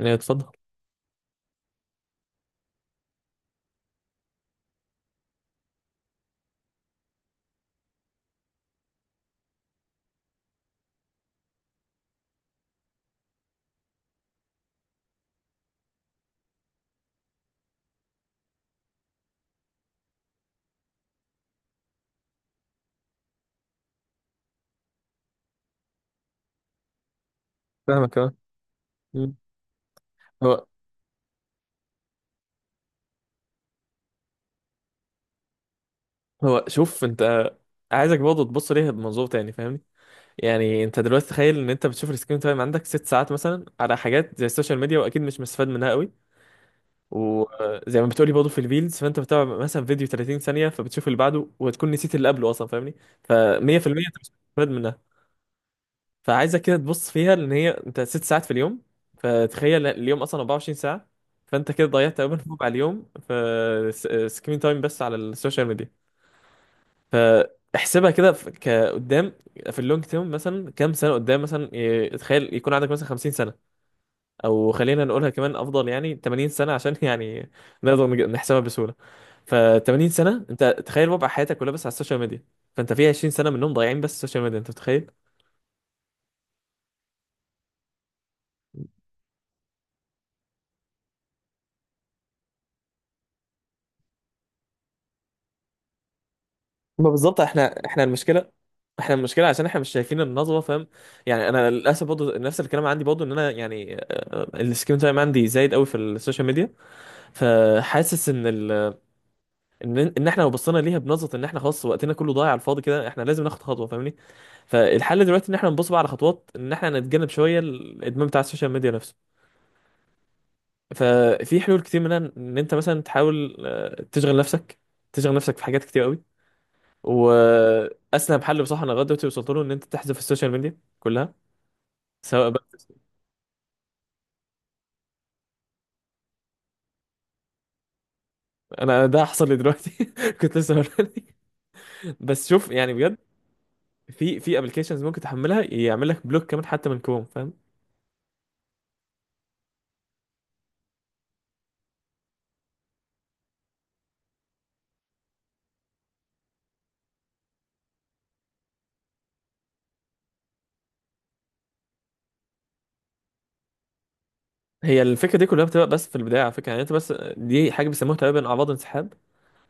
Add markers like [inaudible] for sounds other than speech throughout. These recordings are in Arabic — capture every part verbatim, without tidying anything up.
يعني اتفضل. فاهمك كمان. هو هو شوف انت، عايزك برضه تبص ليها بمنظور تاني، فاهمني؟ يعني انت دلوقتي تخيل ان انت بتشوف السكرين تايم عندك ست ساعات مثلا على حاجات زي السوشيال ميديا، واكيد مش مستفاد منها قوي. وزي ما بتقولي برضه في الريلز، فانت بتتابع مثلا فيديو تلاتين ثانيه، فبتشوف اللي بعده وتكون نسيت اللي قبله اصلا، فاهمني؟ ف مية في المية انت مش مستفاد منها. فعايزك كده تبص فيها ان هي انت ست ساعات في اليوم. فتخيل اليوم اصلا اربعة وعشرين ساعه، فانت كده ضيعت تقريبا ربع اليوم في سكرين تايم بس على السوشيال ميديا. فاحسبها كده في- كقدام، في اللونج تيرم، مثلا كام سنه قدام، مثلا إيه، تخيل يكون عندك مثلا خمسين سنه، او خلينا نقولها كمان افضل، يعني تمانين سنه عشان [laughs] يعني نقدر نج- نحسبها بسهوله. ف تمانين سنه انت تخيل وضع حياتك كلها بس على السوشيال ميديا، فانت في عشرين سنه منهم ضايعين بس السوشيال ميديا، انت متخيل؟ ما بالظبط، احنا احنا المشكله، احنا المشكله عشان احنا مش شايفين النظره، فاهم؟ يعني انا للاسف برضه نفس الكلام عندي، برضه ان انا يعني السكرين تايم عندي زايد قوي في السوشيال ميديا. فحاسس ان ان ان احنا لو بصينا ليها بنظره ان احنا خلاص وقتنا كله ضايع على الفاضي كده، احنا لازم ناخد خطوه، فاهمني؟ فالحل دلوقتي ان احنا نبص بقى على خطوات ان احنا نتجنب شويه الادمان بتاع السوشيال ميديا نفسه. ففي حلول كتير، منها ان انت مثلا تحاول آه، تشغل نفسك، تشغل نفسك في حاجات كتير قوي. واسلم حل بصراحه انا لغايه دلوقتي وصلت له، ان انت تحذف السوشيال ميديا كلها، سواء بقى. [laughs] انا ده حصل لي دلوقتي، [laughs] كنت لسه هقولها لك. بس شوف يعني بجد، في في ابلكيشنز ممكن تحملها يعمل لك بلوك كمان حتى من كروم، فاهم؟ هي الفكره دي كلها بتبقى بس في البدايه، على فكره يعني. انت بس دي حاجه بيسموها تقريبا اعراض انسحاب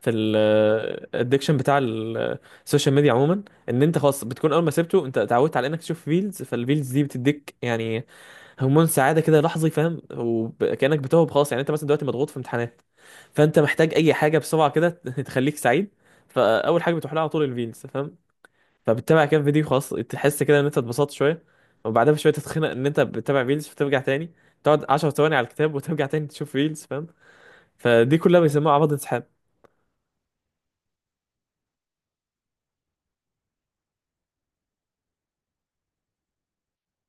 في الادكشن بتاع ال- السوشيال ميديا عموما، ان انت خلاص بتكون اول ما سبته انت اتعودت على انك تشوف ريلز، فالريلز دي بتديك يعني هرمون سعاده كده لحظي، فاهم؟ وكانك بتهرب خلاص. يعني انت مثلا دلوقتي مضغوط في امتحانات، فانت محتاج اي حاجه بسرعه كده [laughs] تخليك سعيد، فاول حاجه بتروح لها على طول الريلز، فاهم؟ فبتتابع كام فيديو خلاص، تحس كده ان انت اتبسطت شويه، وبعدها بشويه تتخنق ان انت بتتابع ريلز، فترجع تاني تقعد عشرة ثواني على الكتاب وترجع تاني تشوف ريلز، فاهم؟ فدي كلها بيسموها عبط انسحاب.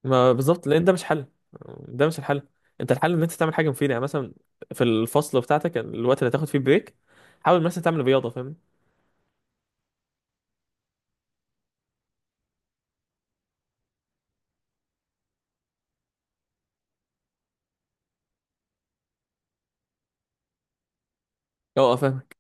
ما بالظبط، لان ده مش حل، ده مش الحل. انت الحل ان انت تعمل حاجه مفيده. يعني مثلا في الفصل بتاعتك، الوقت اللي هتاخد فيه بريك، حاول مثلا تعمل رياضه، فاهم؟ اه فاهمك.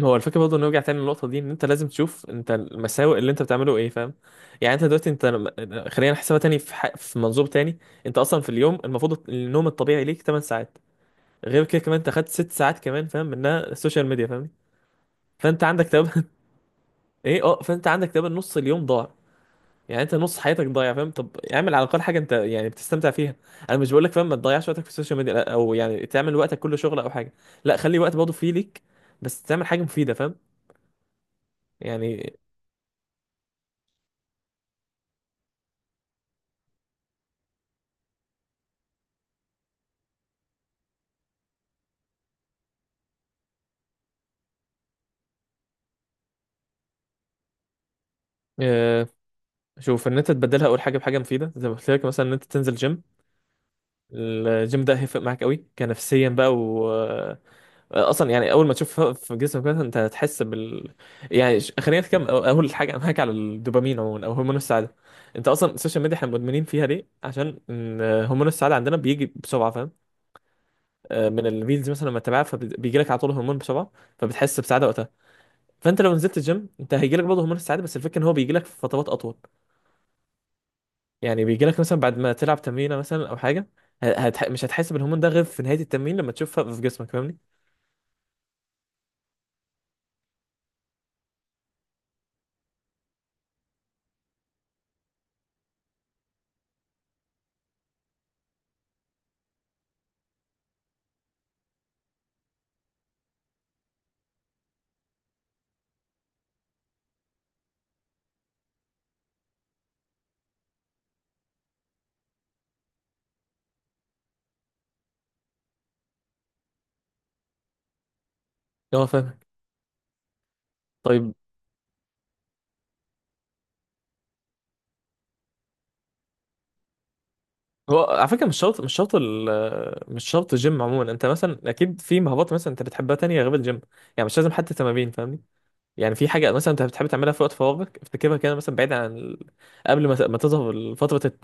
هو الفكره برضه نرجع تاني للنقطه دي، ان انت لازم تشوف انت المساوئ اللي انت بتعمله ايه، فاهم؟ يعني انت دلوقتي انت لما- خلينا نحسبها تاني في ح- في منظور تاني. انت اصلا في اليوم المفروض النوم الطبيعي ليك تمن ساعات، غير كده كمان انت خدت ست ساعات كمان فاهم منها السوشيال ميديا، فاهم؟ فانت عندك تقريبا [laughs] ايه اه، فانت عندك تقريبا نص اليوم ضاع. يعني انت نص حياتك ضايع، فاهم؟ طب اعمل على الاقل حاجه انت يعني بتستمتع فيها. انا مش بقول لك فاهم ما تضيعش وقتك في السوشيال ميديا، لا، او يعني تعمل وقتك كله شغل او حاجه، لا، خلي وقت برضه فيه ليك، بس تعمل حاجه مفيده، فاهم؟ يعني آه، شوف ان انت تبدلها اول حاجه بحاجه مفيده، زي ما قلت لك مثلا ان انت تنزل جيم. الجيم ده هيفرق معاك قوي كنفسيا بقى، و آه، اصلا يعني اول ما تشوف في جسمك مثلا انت هتحس بال، يعني يعني ش- خلينا نتكلم أو- اول حاجه معاك على الدوبامين عموما او هرمون السعاده. انت اصلا السوشيال ميديا احنا مدمنين فيها ليه؟ عشان إن هرمون السعاده عندنا بيجي بسرعه، فاهم؟ آه، من الريلز مثلا لما تتابعها، فبيجي لك على طول هرمون بسرعه، فبتحس بسعاده وقتها. فانت لو نزلت الجيم انت هيجي لك برضه هرمون السعاده، بس الفكره ان هو بيجي لك في فترات اطول. يعني بيجي لك مثلا بعد ما تلعب تمرينه مثلا او حاجه، ه- هتح... مش هتحس بالهرمون ده غير في نهايه التمرين لما تشوفها في جسمك، فاهمني؟ اه فاهمك. طيب، هو على فكره مش شرط، مش شرط ال... مش شرط الجيم عموما. انت مثلا اكيد في مهارات مثلا انت بتحبها تانية غير الجيم، يعني مش لازم حتى تمارين، فاهمني؟ يعني في حاجه مثلا انت بتحب تعملها في وقت فراغك، افتكرها كده مثلا بعيد عن ال... قبل ما ت- ما تظهر فتره الت-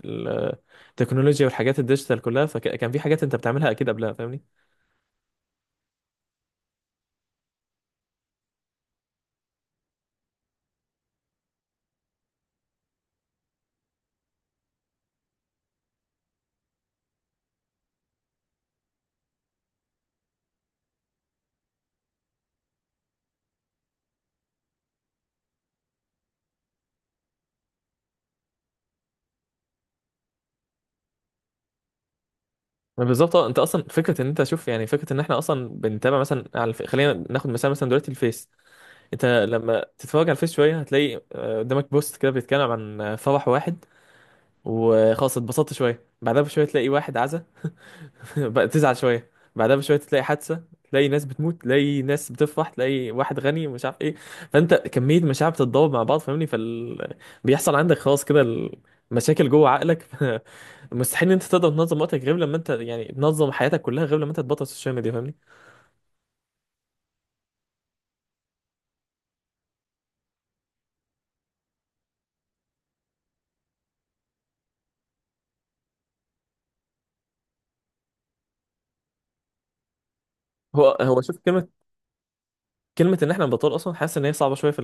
التكنولوجيا والحاجات الديجيتال كلها، فكان في حاجات انت بتعملها اكيد قبلها، فاهمني؟ ما بالظبط اه. انت اصلا فكره ان انت شوف، يعني فكره ان احنا اصلا بنتابع مثلا على الف... خلينا ناخد مثال مثلا دلوقتي الفيس. انت لما تتفرج على الفيس شويه، هتلاقي آه، قدامك بوست كده بيتكلم عن آه، فرح واحد، وخلاص اتبسطت شويه، بعدها بشويه تلاقي واحد عزا، [laughs] بقى تزعل شويه، بعدها بشويه تلاقي حادثه، تلاقي ناس بتموت، تلاقي ناس بتفرح، تلاقي واحد غني مش عارف ايه. فانت كميه مشاعر بتتضارب مع بعض، فاهمني؟ فال... بيحصل عندك خلاص كده المشاكل جوه عقلك. [laughs] ف- مستحيل ان انت تقدر تنظم وقتك غير لما انت يعني تنظم حياتك كلها، غير لما انت تبطل السوشيال ميديا، فاهمني؟ هو هو شوف، كلمه، كلمه ان احنا نبطل اصلا حاسس ان هي صعبه شويه في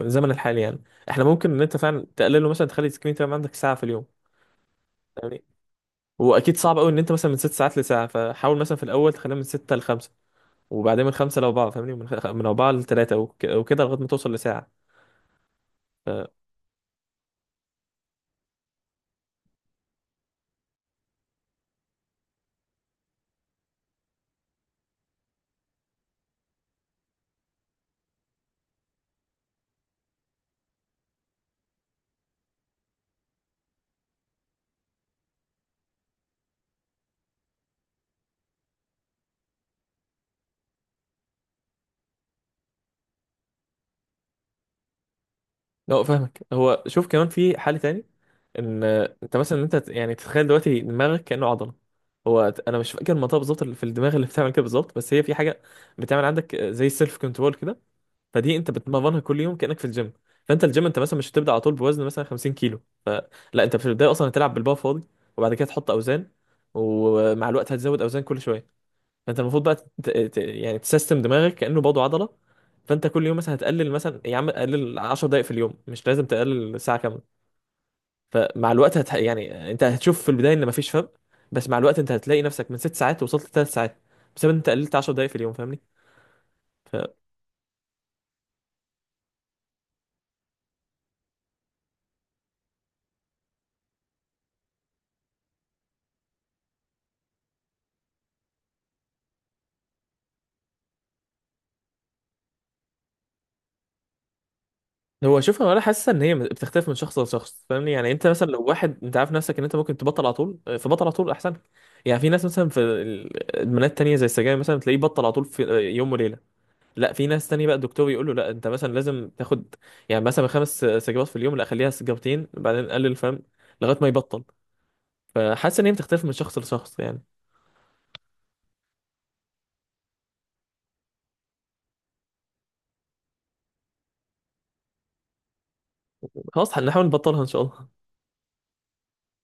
الزمن الحالي يعني. احنا ممكن ان انت فعلا تقلله، مثلا تخلي السكرين تايم عندك ساعه في اليوم، فاهمني؟ واكيد صعب قوي ان انت مثلا من ست ساعات لساعه، فحاول مثلا في الاول تخليها من سته لخمسه، وبعدين من خمسة لأربعة، فاهمني؟ من, خ... من أربعة لتلاتة، وك... وكده لغاية ما توصل لساعة. ف... لا فاهمك. هو شوف، كمان في حل تاني، إن آه، أنت مثلا أنت ت- يعني تتخيل دلوقتي دماغك كأنه عضلة. هو ت- أنا مش فاكر المنطقة بالظبط اللي في الدماغ اللي بتعمل كده بالظبط، بس هي في حاجة بتعمل عندك آه، زي السيلف كنترول كده، فدي أنت بتمرنها كل يوم كأنك في الجيم. فأنت الجيم أنت مثلا مش هتبدأ على طول بوزن مثلا خمسين كيلو، لا أنت في البداية أصلا هتلعب بالبار فاضي، وبعد كده تحط أوزان، ومع الوقت هتزود أوزان كل شوية. فانت المفروض بقى ت... ت... يعني تسيستم دماغك كانه برضه عضله. فانت كل يوم مثلا هتقلل، مثلا يا عم قلل عشر دقائق في اليوم، مش لازم تقلل ساعه كامله. فمع الوقت هت... يعني انت هتشوف في البدايه ان مفيش فرق، بس مع الوقت انت هتلاقي نفسك من ست ساعات وصلت لثلاث ساعات، بسبب ان انت قللت عشر دقائق في اليوم، فاهمني؟ هو شوف، هو انا حاسس ان هي بتختلف من شخص لشخص، فاهمني؟ يعني انت مثلا لو واحد انت عارف نفسك ان انت ممكن تبطل على طول، آه، فبطل على طول احسن. يعني في ناس مثلا في ال- ادمانات تانية زي السجاير مثلا، تلاقيه بطل على طول في آه، يوم وليله. لا في ناس تانية بقى الدكتور يقول له لا انت مثلا لازم تاخد يعني مثلا خمس سجوات في اليوم، لا خليها سجارتين بعدين قلل، فاهم؟ لغايه ما يبطل. فحاسس ان هي بتختلف من شخص لشخص يعني. خلاص هنحاول نبطلها ان شاء الله.